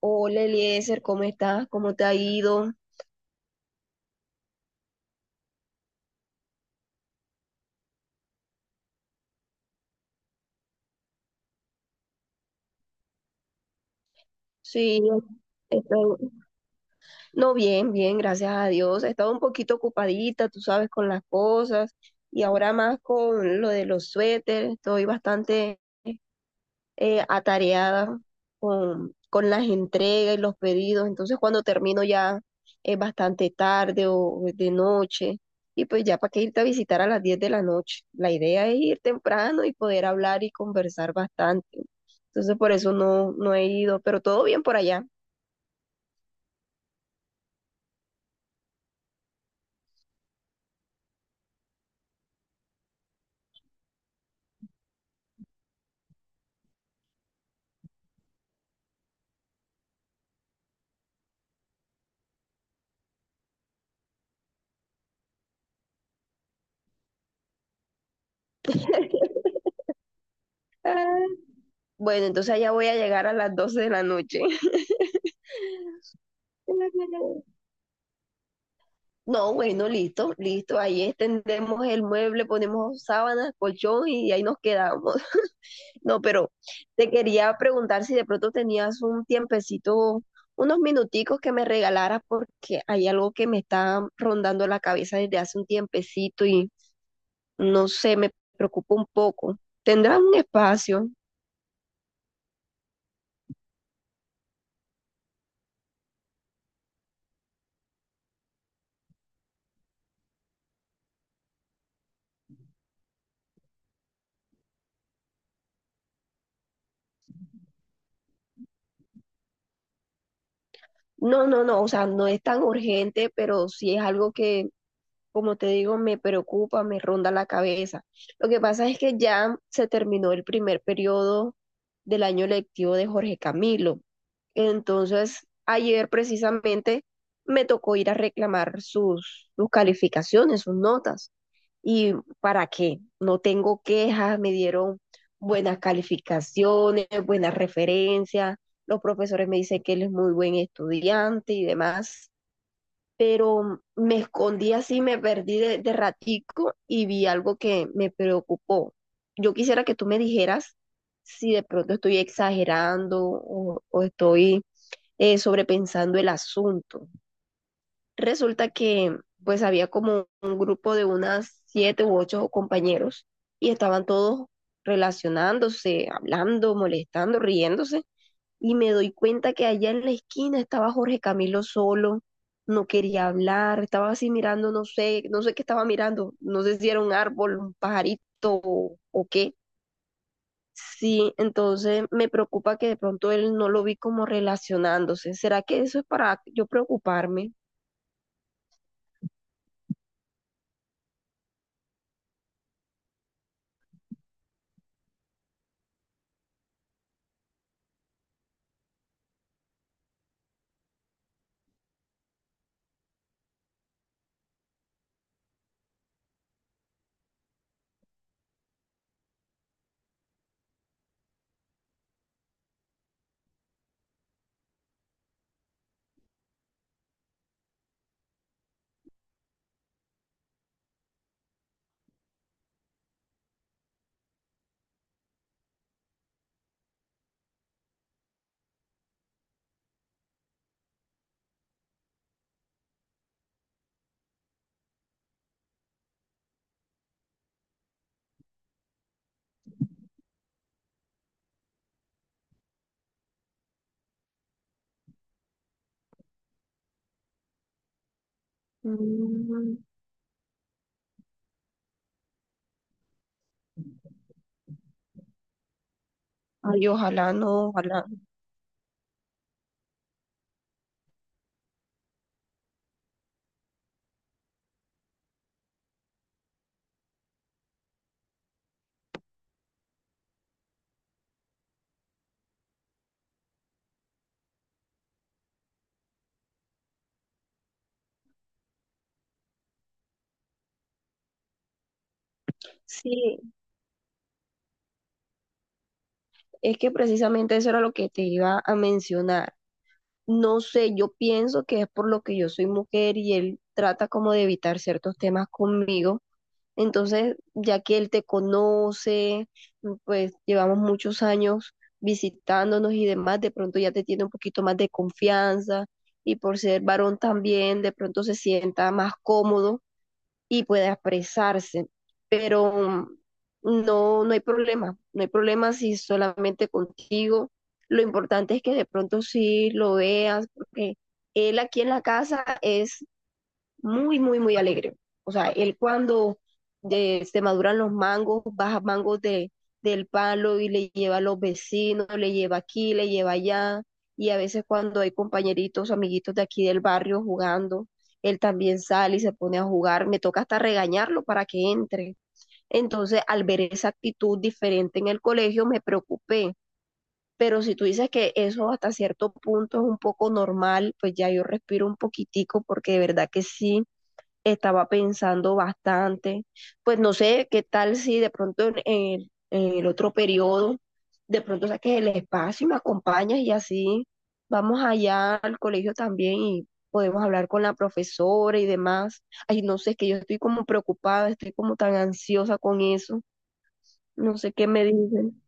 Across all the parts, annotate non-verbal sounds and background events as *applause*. Hola Eliezer, ¿cómo estás? ¿Cómo te ha ido? Sí, estoy... No, bien, gracias a Dios. He estado un poquito ocupadita, tú sabes, con las cosas y ahora más con lo de los suéteres. Estoy bastante atareada con las entregas y los pedidos. Entonces, cuando termino ya es bastante tarde o es de noche. Y pues ya para qué irte a visitar a las 10 de la noche. La idea es ir temprano y poder hablar y conversar bastante. Entonces, por eso no he ido, pero todo bien por allá. *laughs* Ah, Bueno, entonces allá voy a llegar a las 12 de la noche. *laughs* No, bueno, listo. Ahí extendemos el mueble, ponemos sábanas, colchón y ahí nos quedamos. *laughs* No, pero te quería preguntar si de pronto tenías un tiempecito, unos minuticos que me regalaras porque hay algo que me está rondando la cabeza desde hace un tiempecito y no sé, me preocupa un poco. ¿Tendrás un espacio? No, o sea, no es tan urgente, pero sí es algo que como te digo, me preocupa, me ronda la cabeza. Lo que pasa es que ya se terminó el primer periodo del año lectivo de Jorge Camilo. Entonces, ayer precisamente me tocó ir a reclamar sus calificaciones, sus notas. ¿Y para qué? No tengo quejas, me dieron buenas calificaciones, buenas referencias, los profesores me dicen que él es muy buen estudiante y demás, pero me escondí así, me perdí de ratico y vi algo que me preocupó. Yo quisiera que tú me dijeras si de pronto estoy exagerando o estoy sobrepensando el asunto. Resulta que pues había como un grupo de unas siete u ocho compañeros y estaban todos relacionándose, hablando, molestando, riéndose y me doy cuenta que allá en la esquina estaba Jorge Camilo solo, no quería hablar, estaba así mirando, no sé, no sé qué estaba mirando, no sé si era un árbol, un pajarito o qué. Sí, entonces me preocupa que de pronto él no lo vi como relacionándose. ¿Será que eso es para yo preocuparme? Mm. Ay, ojalá no, ojalá. Sí, es que precisamente eso era lo que te iba a mencionar. No sé, yo pienso que es por lo que yo soy mujer y él trata como de evitar ciertos temas conmigo. Entonces, ya que él te conoce, pues llevamos muchos años visitándonos y demás, de pronto ya te tiene un poquito más de confianza y por ser varón también, de pronto se sienta más cómodo y pueda expresarse. Pero no hay problema, no hay problema si solamente contigo. Lo importante es que de pronto sí lo veas, porque él aquí en la casa es muy, muy, muy alegre. O sea, él cuando se maduran los mangos, baja mangos del palo y le lleva a los vecinos, le lleva aquí, le lleva allá. Y a veces cuando hay compañeritos, amiguitos de aquí del barrio jugando, él también sale y se pone a jugar. Me toca hasta regañarlo para que entre. Entonces, al ver esa actitud diferente en el colegio, me preocupé. Pero si tú dices que eso hasta cierto punto es un poco normal, pues ya yo respiro un poquitico porque de verdad que sí estaba pensando bastante, pues no sé qué tal si de pronto en en el otro periodo, de pronto saques el espacio y me acompañas y así vamos allá al colegio también y podemos hablar con la profesora y demás. Ay, no sé, es que yo estoy como preocupada, estoy como tan ansiosa con eso, no sé qué me dicen.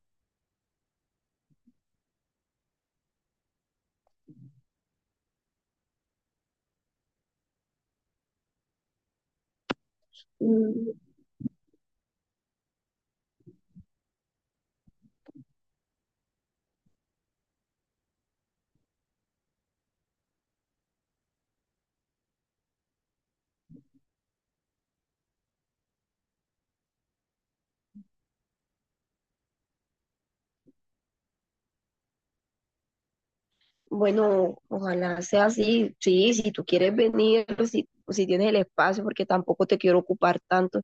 Bueno, ojalá sea así. Sí, si tú quieres venir, si tienes el espacio, porque tampoco te quiero ocupar tanto.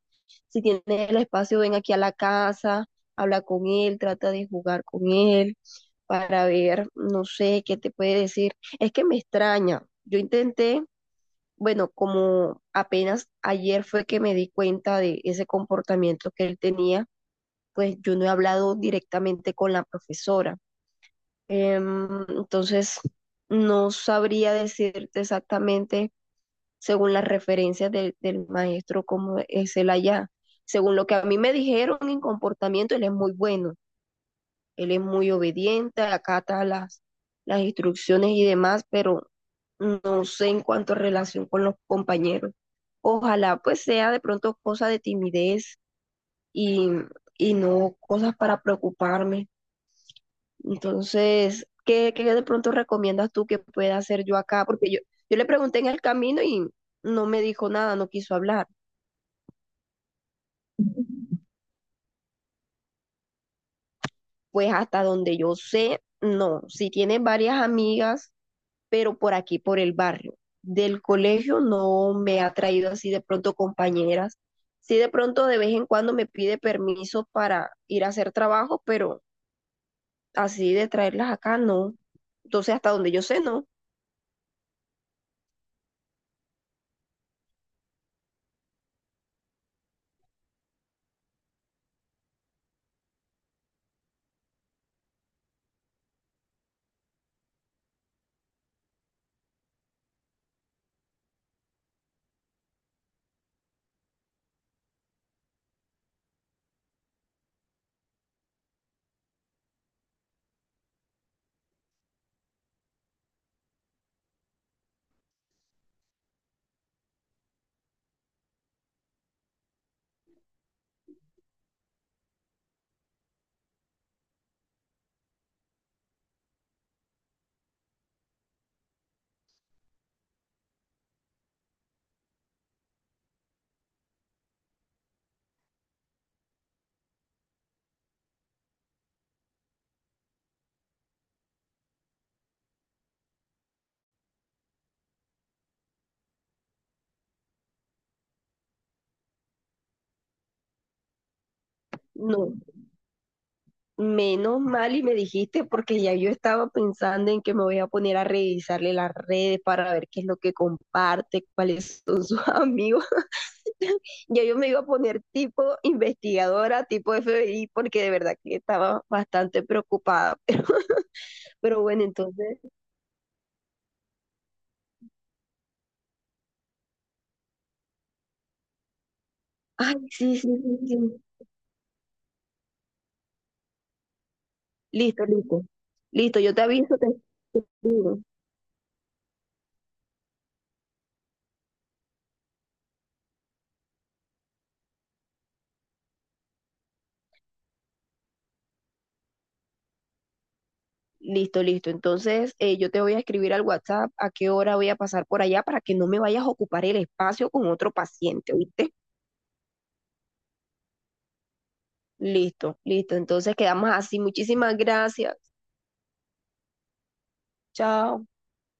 Si tienes el espacio, ven aquí a la casa, habla con él, trata de jugar con él para ver, no sé, qué te puede decir. Es que me extraña. Yo intenté, bueno, como apenas ayer fue que me di cuenta de ese comportamiento que él tenía, pues yo no he hablado directamente con la profesora. Entonces, no sabría decirte exactamente, según las referencias del maestro, cómo es él allá. Según lo que a mí me dijeron en comportamiento, él es muy bueno, él es muy obediente, acata las instrucciones y demás, pero no sé en cuanto a relación con los compañeros. Ojalá pues sea de pronto cosa de timidez y, y no cosas para preocuparme. Entonces, ¿qué de pronto recomiendas tú que pueda hacer yo acá? Porque yo le pregunté en el camino y no me dijo nada, no quiso hablar. Pues hasta donde yo sé, no. Sí tiene varias amigas, pero por aquí, por el barrio. Del colegio no me ha traído así de pronto compañeras. Sí de pronto de vez en cuando me pide permiso para ir a hacer trabajo, pero así de traerlas acá, no. Entonces, hasta donde yo sé, no. No. Menos mal y me dijiste porque ya yo estaba pensando en que me voy a poner a revisarle las redes para ver qué es lo que comparte, cuáles son sus *laughs* amigos. *laughs* Ya yo me iba a poner tipo investigadora, tipo FBI, porque de verdad que estaba bastante preocupada. *laughs* Pero bueno, entonces, ay, sí, sí, sí, sí. Listo, listo. Listo, yo te aviso, te escribo. Listo, listo. Entonces, yo te voy a escribir al WhatsApp a qué hora voy a pasar por allá para que no me vayas a ocupar el espacio con otro paciente, ¿oíste? Listo, listo. Entonces, quedamos así. Muchísimas gracias. Chao.